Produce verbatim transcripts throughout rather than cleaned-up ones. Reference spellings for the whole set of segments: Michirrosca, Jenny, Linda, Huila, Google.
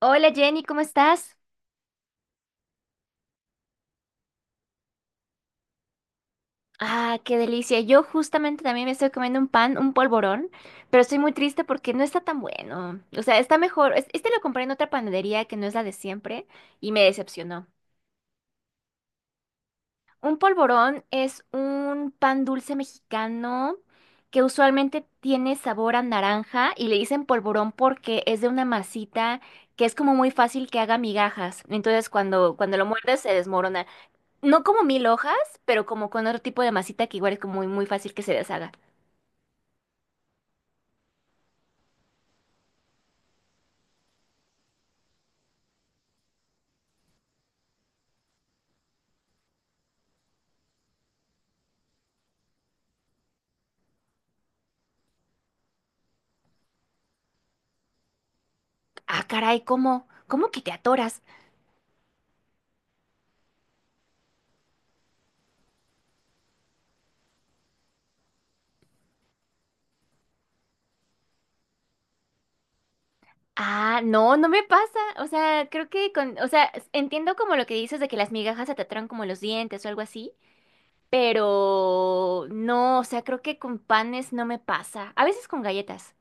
Hola Jenny, ¿cómo estás? Ah, qué delicia. Yo justamente también me estoy comiendo un pan, un polvorón, pero estoy muy triste porque no está tan bueno. O sea, está mejor. es- Este lo compré en otra panadería que no es la de siempre y me decepcionó. Un polvorón es un pan dulce mexicano que usualmente tiene sabor a naranja y le dicen polvorón porque es de una masita que es como muy fácil que haga migajas. Entonces, cuando, cuando lo muerdes se desmorona. No como mil hojas, pero como con otro tipo de masita que igual es como muy, muy fácil que se deshaga. Ah, caray, ¿cómo? ¿Cómo que te atoras? Ah, no, no me pasa. O sea, creo que con, o sea, s- entiendo como lo que dices de que las migajas se te atoran como los dientes o algo así, pero no, o sea, creo que con panes no me pasa. A veces con galletas.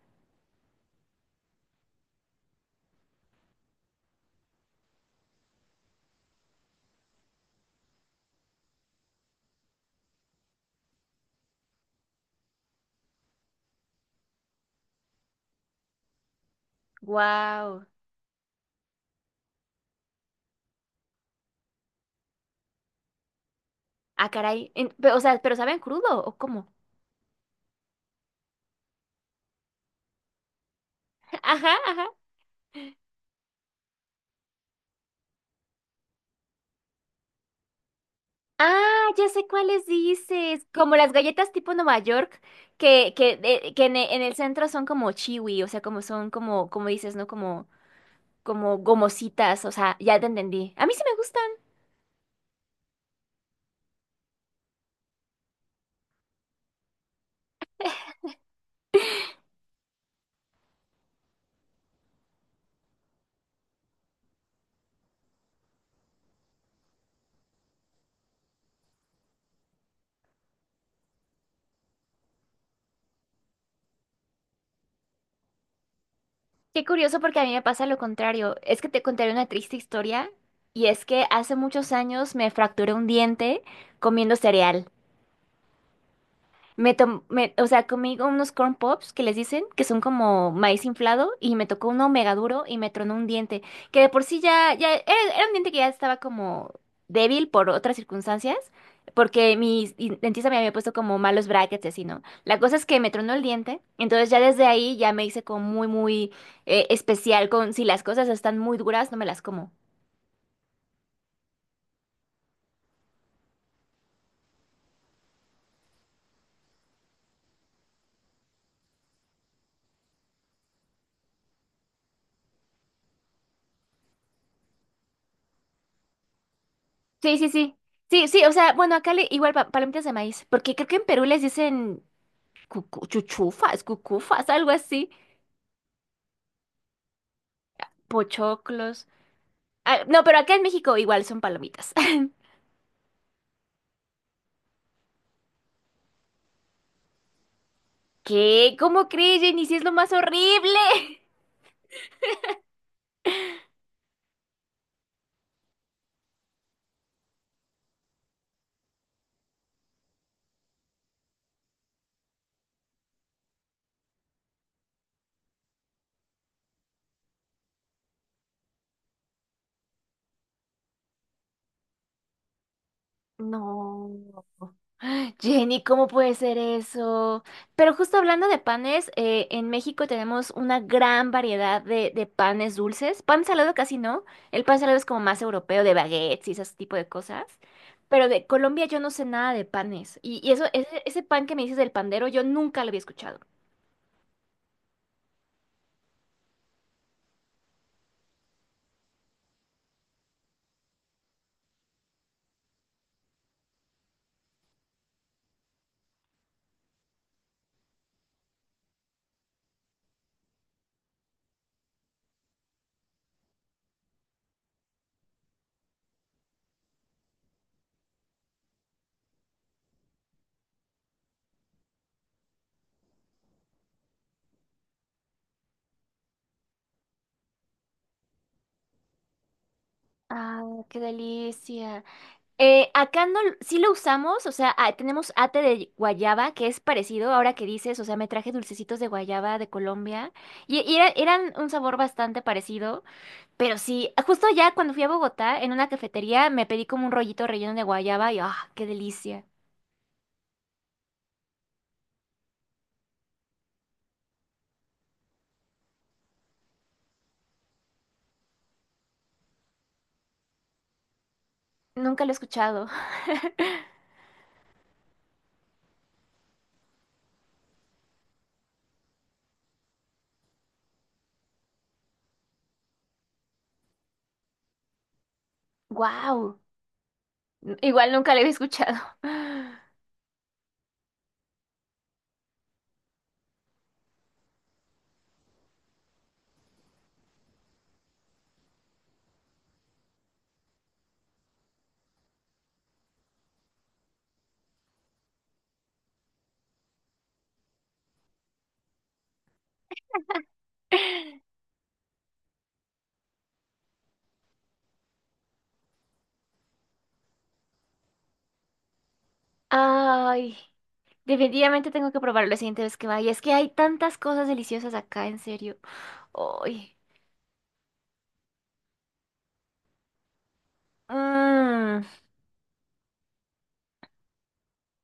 Wow. Ah, caray. En- pe- o sea, ¿pero saben crudo o cómo? Ajá, ajá. Ah, ya sé cuáles dices. Como las galletas tipo Nueva York, que, que, de- que en, e- en el centro son como chiwi, o sea, como son como, como dices, ¿no? Como, como gomositas, o sea, ya te entendí. A mí sí me gustan. Qué curioso porque a mí me pasa lo contrario. Es que te contaré una triste historia y es que hace muchos años me fracturé un diente comiendo cereal. Me tom- me- o sea, comí unos corn pops que les dicen que son como maíz inflado y me tocó uno mega duro y me tronó un diente, que de por sí ya, ya era, era un diente que ya estaba como débil por otras circunstancias, porque mi i- dentista me había puesto como malos brackets y así, ¿no? La cosa es que me tronó el diente, entonces ya desde ahí ya me hice como muy, muy eh, especial con si las cosas están muy duras, no me las como. Sí, sí, sí. Sí, sí, o sea, bueno, acá le, igual pa- palomitas de maíz, porque creo que en Perú les dicen cucu- chuchufas, cucufas, algo así, pochoclos. Ah, no, pero acá en México igual son palomitas. ¿Qué? ¿Cómo crees, Jenny? Si es lo más horrible. No. Jenny, ¿cómo puede ser eso? Pero justo hablando de panes, eh, en México tenemos una gran variedad de, de panes dulces. Pan salado casi no. El pan salado es como más europeo, de baguettes y ese tipo de cosas. Pero de Colombia yo no sé nada de panes. Y, y eso, ese, ese pan que me dices del pandero, yo nunca lo había escuchado. Ah, qué delicia. Eh, acá no, l- sí lo usamos, o sea, ah, tenemos ate de guayaba, que es parecido ahora que dices, o sea, me traje dulcecitos de guayaba de Colombia, y, y era- eran un sabor bastante parecido, pero sí, justo ya cuando fui a Bogotá, en una cafetería, me pedí como un rollito relleno de guayaba, y ¡ah, qué delicia! Nunca lo he escuchado. Wow. Igual nunca lo había escuchado. Ay, definitivamente tengo que probarlo la siguiente vez que vaya, es que hay tantas cosas deliciosas acá, en serio. Ay. Mm,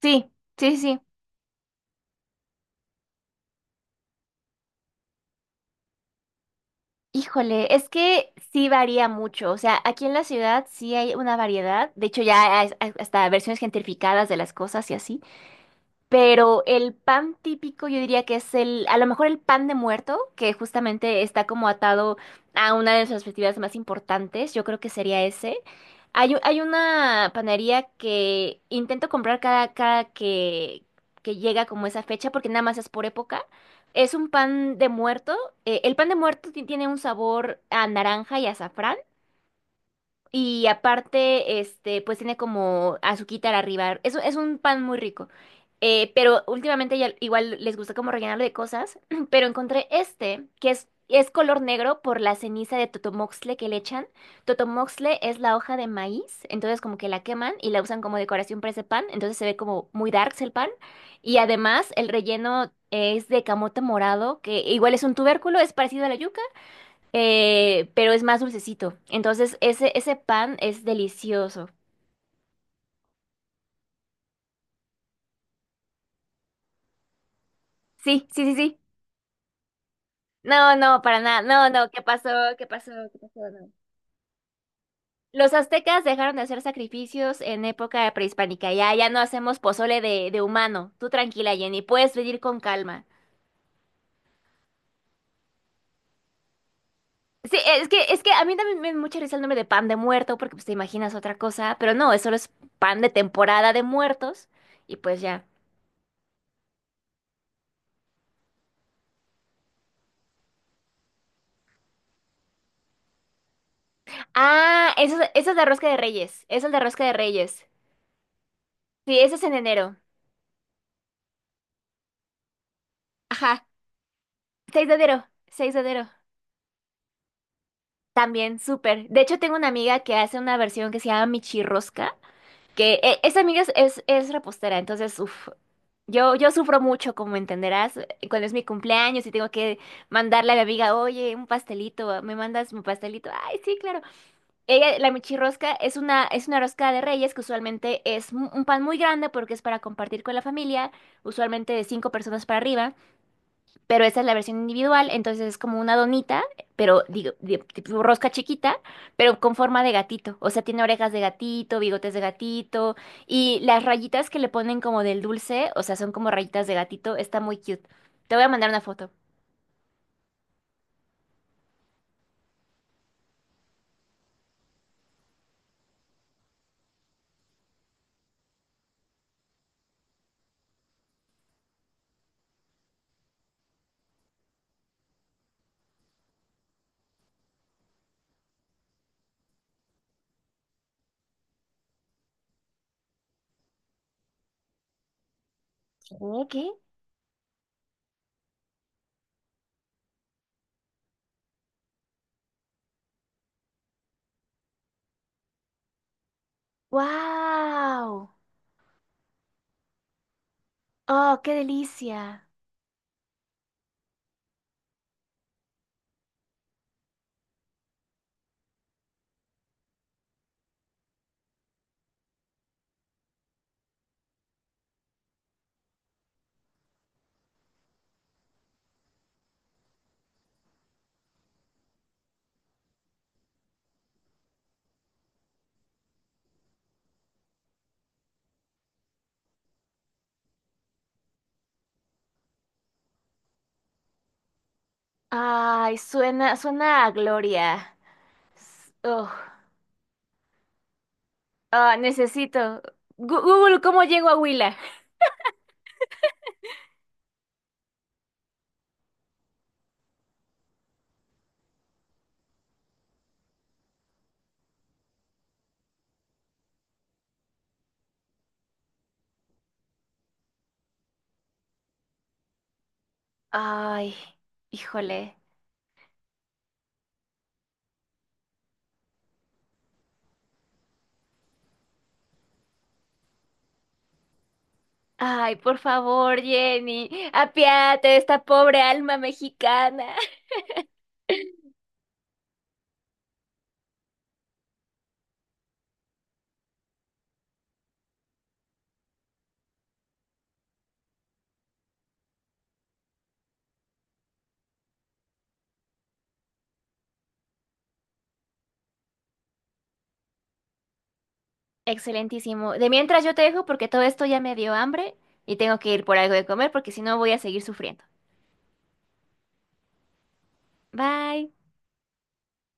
sí, sí, sí. Híjole, es que sí varía mucho. O sea, aquí en la ciudad sí hay una variedad. De hecho, ya hay as- hasta versiones gentrificadas de las cosas y así. Pero el pan típico yo diría que es el, a lo mejor el pan de muerto, que justamente está como atado a una de nuestras festividades más importantes, yo creo que sería ese. Hay, u- hay una panadería que intento comprar cada, cada que, que llega como esa fecha, porque nada más es por época. Es un pan de muerto. Eh, el pan de muerto ti- tiene un sabor a naranja y azafrán. Y aparte, este, pues tiene como azuquitar arriba. Es, es un pan muy rico. Eh, pero últimamente ya igual les gusta como rellenarlo de cosas. Pero encontré este, que es, es color negro por la ceniza de totomoxle que le echan. Totomoxle es la hoja de maíz, entonces como que la queman y la usan como decoración para ese pan. Entonces se ve como muy darks el pan. Y además el relleno es de camote morado, que igual es un tubérculo, es parecido a la yuca eh, pero es más dulcecito. Entonces, ese, ese pan es delicioso. Sí, sí, sí, sí. No, no, para nada. No, no, ¿qué pasó? ¿Qué pasó? ¿Qué pasó? No. Los aztecas dejaron de hacer sacrificios en época prehispánica. Ya, ya no hacemos pozole de, de humano. Tú tranquila, Jenny, puedes venir con calma. Sí, es que, es que a mí también me da mucha risa el nombre de pan de muerto, porque pues te imaginas otra cosa, pero no, eso es pan de temporada de muertos, y pues ya. Ah, eso, es- eso es de rosca de reyes, eso es de rosca de reyes. Sí, eso es en enero. Ajá, seis de enero, seis de enero. También, súper. De hecho, tengo una amiga que hace una versión que se llama Michirrosca, que eh, esa amiga es, es, es repostera, entonces, uff, yo, yo sufro mucho, como entenderás, eh, cuando es mi cumpleaños y tengo que mandarle a mi amiga, oye, un pastelito, ¿me mandas mi pastelito? Ay, sí, claro. Ella, la Michirrosca es una, es una rosca de reyes que usualmente es un un pan muy grande porque es para compartir con la familia, usualmente de cinco personas para arriba. Pero esa es la versión individual, entonces es como una donita, pero digo, de- tipo rosca chiquita, pero con forma de gatito, o sea, tiene orejas de gatito, bigotes de gatito, y las rayitas que le ponen como del dulce, o sea, son como rayitas de gatito, está muy cute. Te voy a mandar una foto. ¿Qué? ¿Qué? ¡Wow! ¡Oh, qué delicia! Ay, suena, suena a gloria. S- ugh. Ah, necesito. Gu- Google, ¿cómo llego a Huila? Ay, híjole. Ay, por favor, Jenny, apiate de esta pobre alma mexicana. Excelentísimo. De mientras yo te dejo porque todo esto ya me dio hambre y tengo que ir por algo de comer porque si no voy a seguir sufriendo. Bye.